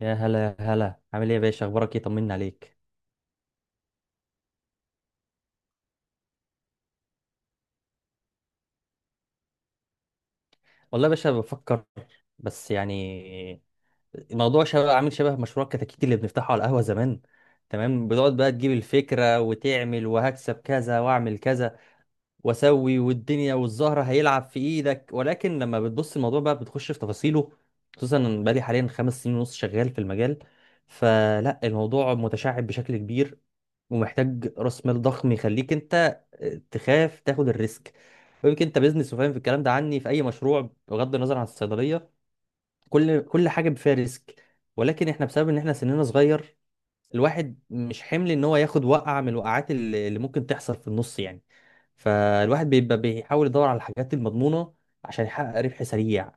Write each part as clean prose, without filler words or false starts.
يا هلا يا هلا، عامل ايه يا باشا؟ اخبارك ايه؟ طمنا عليك. والله يا باشا بفكر، بس يعني الموضوع شبه عامل شبه مشروع كتاكيت اللي بنفتحه على القهوة زمان. تمام، بتقعد بقى تجيب الفكرة وتعمل وهكسب كذا واعمل كذا واسوي، والدنيا والزهرة هيلعب في ايدك، ولكن لما بتبص الموضوع بقى بتخش في تفاصيله، خصوصا إن بقالي حاليا 5 سنين ونص شغال في المجال. فلا الموضوع متشعب بشكل كبير ومحتاج راس مال ضخم يخليك انت تخاف تاخد الريسك. يمكن انت بيزنس وفاهم في الكلام ده، عني في اي مشروع بغض النظر عن الصيدليه كل حاجه فيها ريسك، ولكن احنا بسبب ان احنا سننا صغير الواحد مش حمل ان هو ياخد وقعه من الوقعات اللي ممكن تحصل في النص يعني. فالواحد بيبقى بيحاول يدور على الحاجات المضمونه عشان يحقق ربح سريع.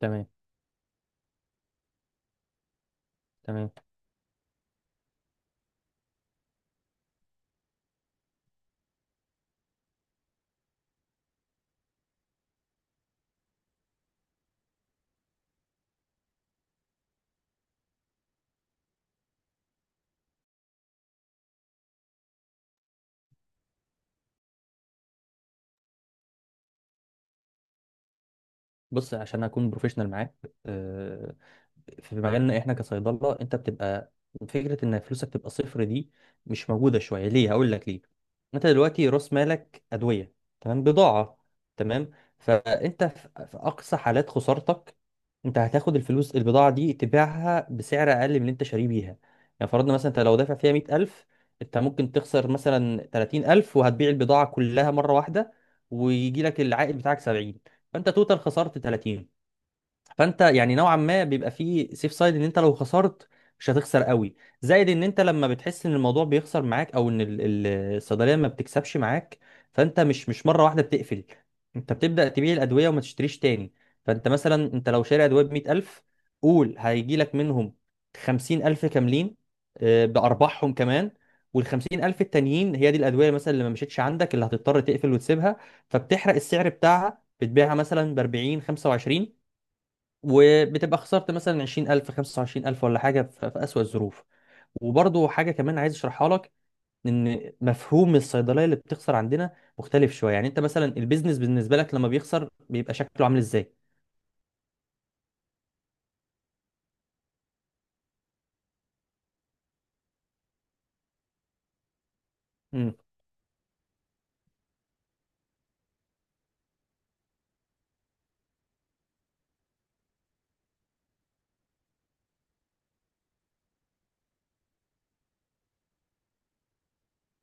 تمام. تمام. بص عشان اكون بروفيشنال معاك، آه، في مجالنا احنا كصيدله انت بتبقى فكره ان فلوسك تبقى صفر دي مش موجوده شويه. ليه؟ هقول لك ليه. انت دلوقتي راس مالك ادويه، تمام؟ بضاعه. تمام. فانت في اقصى حالات خسارتك انت هتاخد الفلوس، البضاعه دي تبيعها بسعر اقل من اللي انت شاريه بيها. يعني فرضنا مثلا انت لو دافع فيها 100,000، انت ممكن تخسر مثلا 30,000 وهتبيع البضاعه كلها مره واحده، ويجي لك العائد بتاعك 70. فانت توتال خسرت 30. فانت يعني نوعا ما بيبقى فيه سيف سايد ان انت لو خسرت مش هتخسر قوي. زائد ان انت لما بتحس ان الموضوع بيخسر معاك، او ان الصيدليه ما بتكسبش معاك، فانت مش مره واحده بتقفل. انت بتبدا تبيع الادويه وما تشتريش تاني. فانت مثلا انت لو شاري ادويه ب 100,000، قول هيجي لك منهم 50,000 كاملين بارباحهم كمان. وال 50,000 التانيين هي دي الادويه مثلا اللي ما مشيتش عندك، اللي هتضطر تقفل وتسيبها، فبتحرق السعر بتاعها بتبيعها مثلا ب 40 25، وبتبقى خسرت مثلا 20,000 25,000 ولا حاجه في اسوأ الظروف. وبرضو حاجه كمان عايز اشرحها لك، ان مفهوم الصيدليه اللي بتخسر عندنا مختلف شويه. يعني انت مثلا البيزنس بالنسبه لك لما بيخسر بيبقى شكله عامل ازاي؟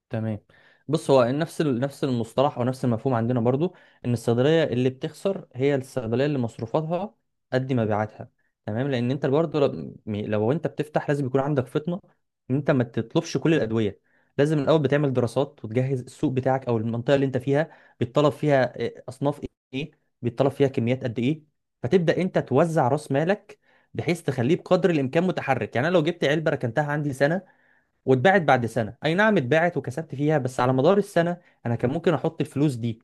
تمام. بص، هو نفس المصطلح او نفس المفهوم عندنا برضو، ان الصيدليه اللي بتخسر هي الصيدليه اللي مصروفاتها قد مبيعاتها. تمام. لان انت برضو لو، لو انت بتفتح لازم يكون عندك فطنه ان انت ما تطلبش كل الادويه. لازم الاول بتعمل دراسات وتجهز السوق بتاعك او المنطقه اللي انت فيها بيتطلب فيها إيه، اصناف ايه، بيتطلب فيها كميات قد ايه. فتبدا انت توزع راس مالك بحيث تخليه بقدر الامكان متحرك. يعني انا لو جبت علبه ركنتها عندي سنه واتباعت بعد سنة، أي نعم اتباعت وكسبت فيها، بس على مدار السنة أنا كان ممكن أحط الفلوس دي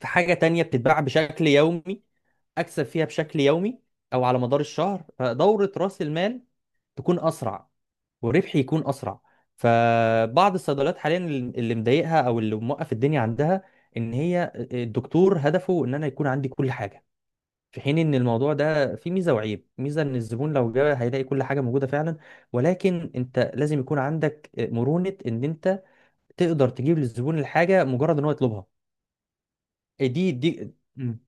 في حاجة تانية بتتباع بشكل يومي، أكسب فيها بشكل يومي أو على مدار الشهر. فدورة رأس المال تكون أسرع وربحي يكون أسرع. فبعض الصيدليات حاليا اللي مضايقها أو اللي موقف الدنيا عندها إن هي الدكتور هدفه إن أنا يكون عندي كل حاجة، في حين ان الموضوع ده فيه ميزه وعيب. ميزه ان الزبون لو جه هيلاقي كل حاجه موجوده فعلا، ولكن انت لازم يكون عندك مرونه ان انت تقدر تجيب للزبون الحاجه مجرد ان هو يطلبها. إيه دي مم.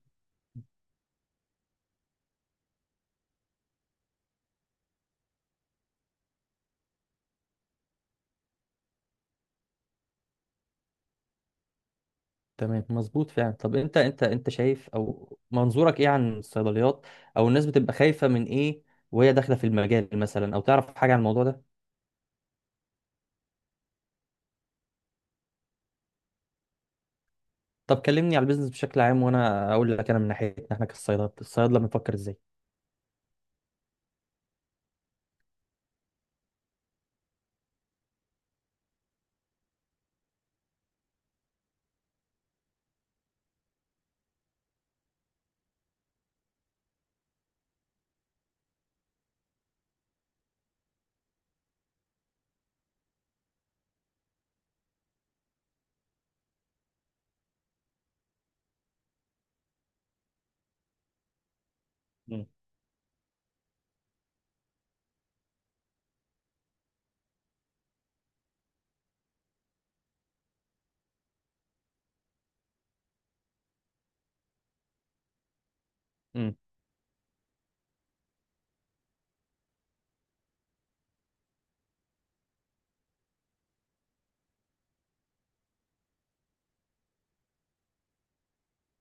تمام، مظبوط فعلا. طب انت شايف او منظورك ايه عن الصيدليات، او الناس بتبقى خايفه من ايه وهي داخله في المجال مثلا، او تعرف حاجه عن الموضوع ده؟ طب كلمني على البيزنس بشكل عام وانا اقول لك انا من ناحيتنا احنا كالصيدله الصيادله بنفكر ازاي. مم. مم.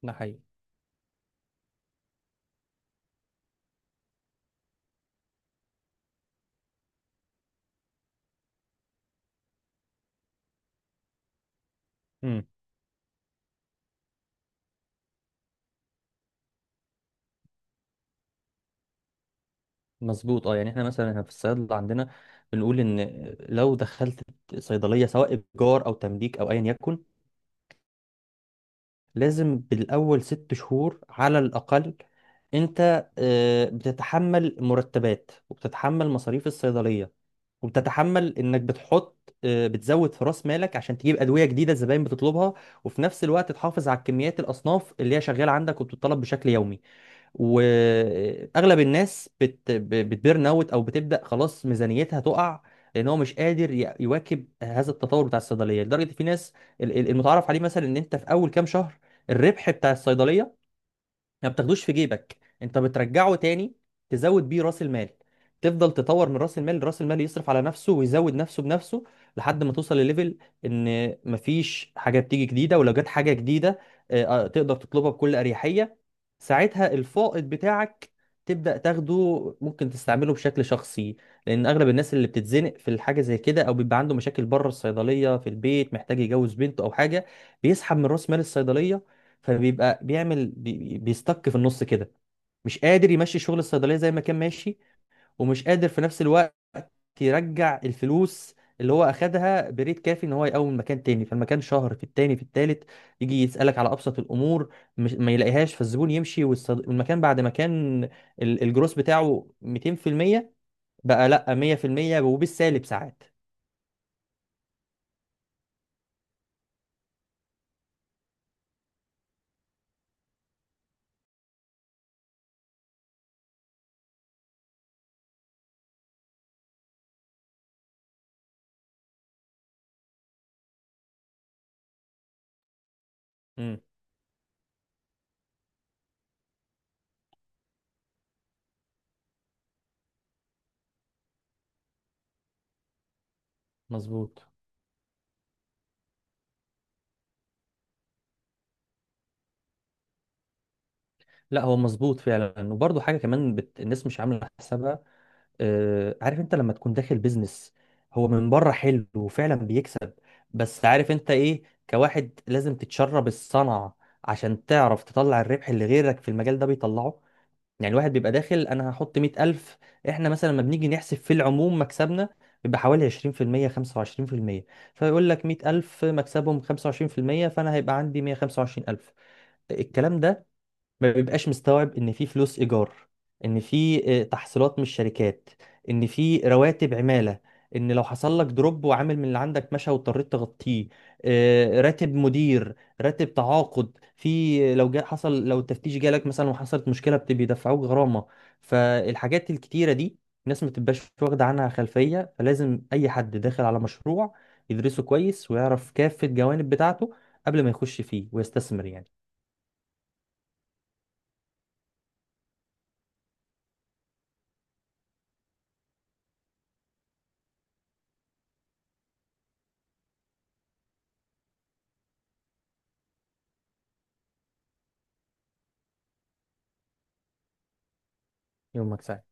ده حقيقي. مظبوط. اه يعني احنا مثلا هنا في الصيدله عندنا بنقول ان لو دخلت صيدليه سواء ايجار او تمليك او ايا يكن لازم بالاول 6 شهور على الاقل انت بتتحمل مرتبات وبتتحمل مصاريف الصيدليه، وبتتحمل انك بتحط، بتزود في راس مالك عشان تجيب ادويه جديده الزباين بتطلبها، وفي نفس الوقت تحافظ على كميات الاصناف اللي هي شغاله عندك وبتطلب بشكل يومي. واغلب الناس بتبيرن اوت، او بتبدا خلاص ميزانيتها تقع لان هو مش قادر يواكب هذا التطور بتاع الصيدليه. لدرجه في ناس، المتعارف عليه مثلا ان انت في اول كام شهر الربح بتاع الصيدليه ما بتاخدوش في جيبك، انت بترجعه تاني تزود بيه راس المال. تفضل تطور من راس المال، راس المال يصرف على نفسه ويزود نفسه بنفسه لحد ما توصل لليفل ان مفيش حاجه بتيجي جديده، ولو جت حاجه جديده تقدر تطلبها بكل اريحيه. ساعتها الفائض بتاعك تبدا تاخده، ممكن تستعمله بشكل شخصي. لان اغلب الناس اللي بتتزنق في الحاجه زي كده او بيبقى عنده مشاكل بره الصيدليه في البيت محتاج يجوز بنته او حاجه بيسحب من راس مال الصيدليه، فبيبقى بيعمل بيستك في النص كده. مش قادر يمشي شغل الصيدليه زي ما كان ماشي، ومش قادر في نفس الوقت يرجع الفلوس اللي هو اخدها بريت كافي ان هو يقوم مكان تاني. فالمكان شهر في التاني في التالت يجي يسالك على ابسط الامور مش ما يلاقيهاش، فالزبون يمشي، والمكان بعد ما كان الجروس بتاعه 200% بقى لا 100% وبالسالب ساعات. امم. مظبوط. لا هو مظبوط فعلا. وبرضه حاجه كمان الناس مش عامله حسابها. عارف انت لما تكون داخل بيزنس هو من بره حلو وفعلا بيكسب، بس عارف انت ايه؟ كواحد لازم تتشرب الصنعة عشان تعرف تطلع الربح اللي غيرك في المجال ده بيطلعه. يعني الواحد بيبقى داخل انا هحط 100,000. احنا مثلا لما بنيجي نحسب في العموم مكسبنا بيبقى حوالي 20% 25%. فيقول لك 100,000 مكسبهم 25%، فأنا هيبقى عندي 125 ألف. الكلام ده ما بيبقاش مستوعب ان في فلوس ايجار، ان في تحصيلات من الشركات، ان في رواتب عماله، ان لو حصل لك دروب وعامل من اللي عندك مشى واضطريت تغطيه، راتب مدير، راتب تعاقد، في لو جا حصل، لو التفتيش جالك مثلا وحصلت مشكله بيدفعوك غرامه. فالحاجات الكتيره دي الناس ما تبقاش واخده عنها خلفيه. فلازم اي حد داخل على مشروع يدرسه كويس ويعرف كافه الجوانب بتاعته قبل ما يخش فيه ويستثمر يعني. يومك سعيد.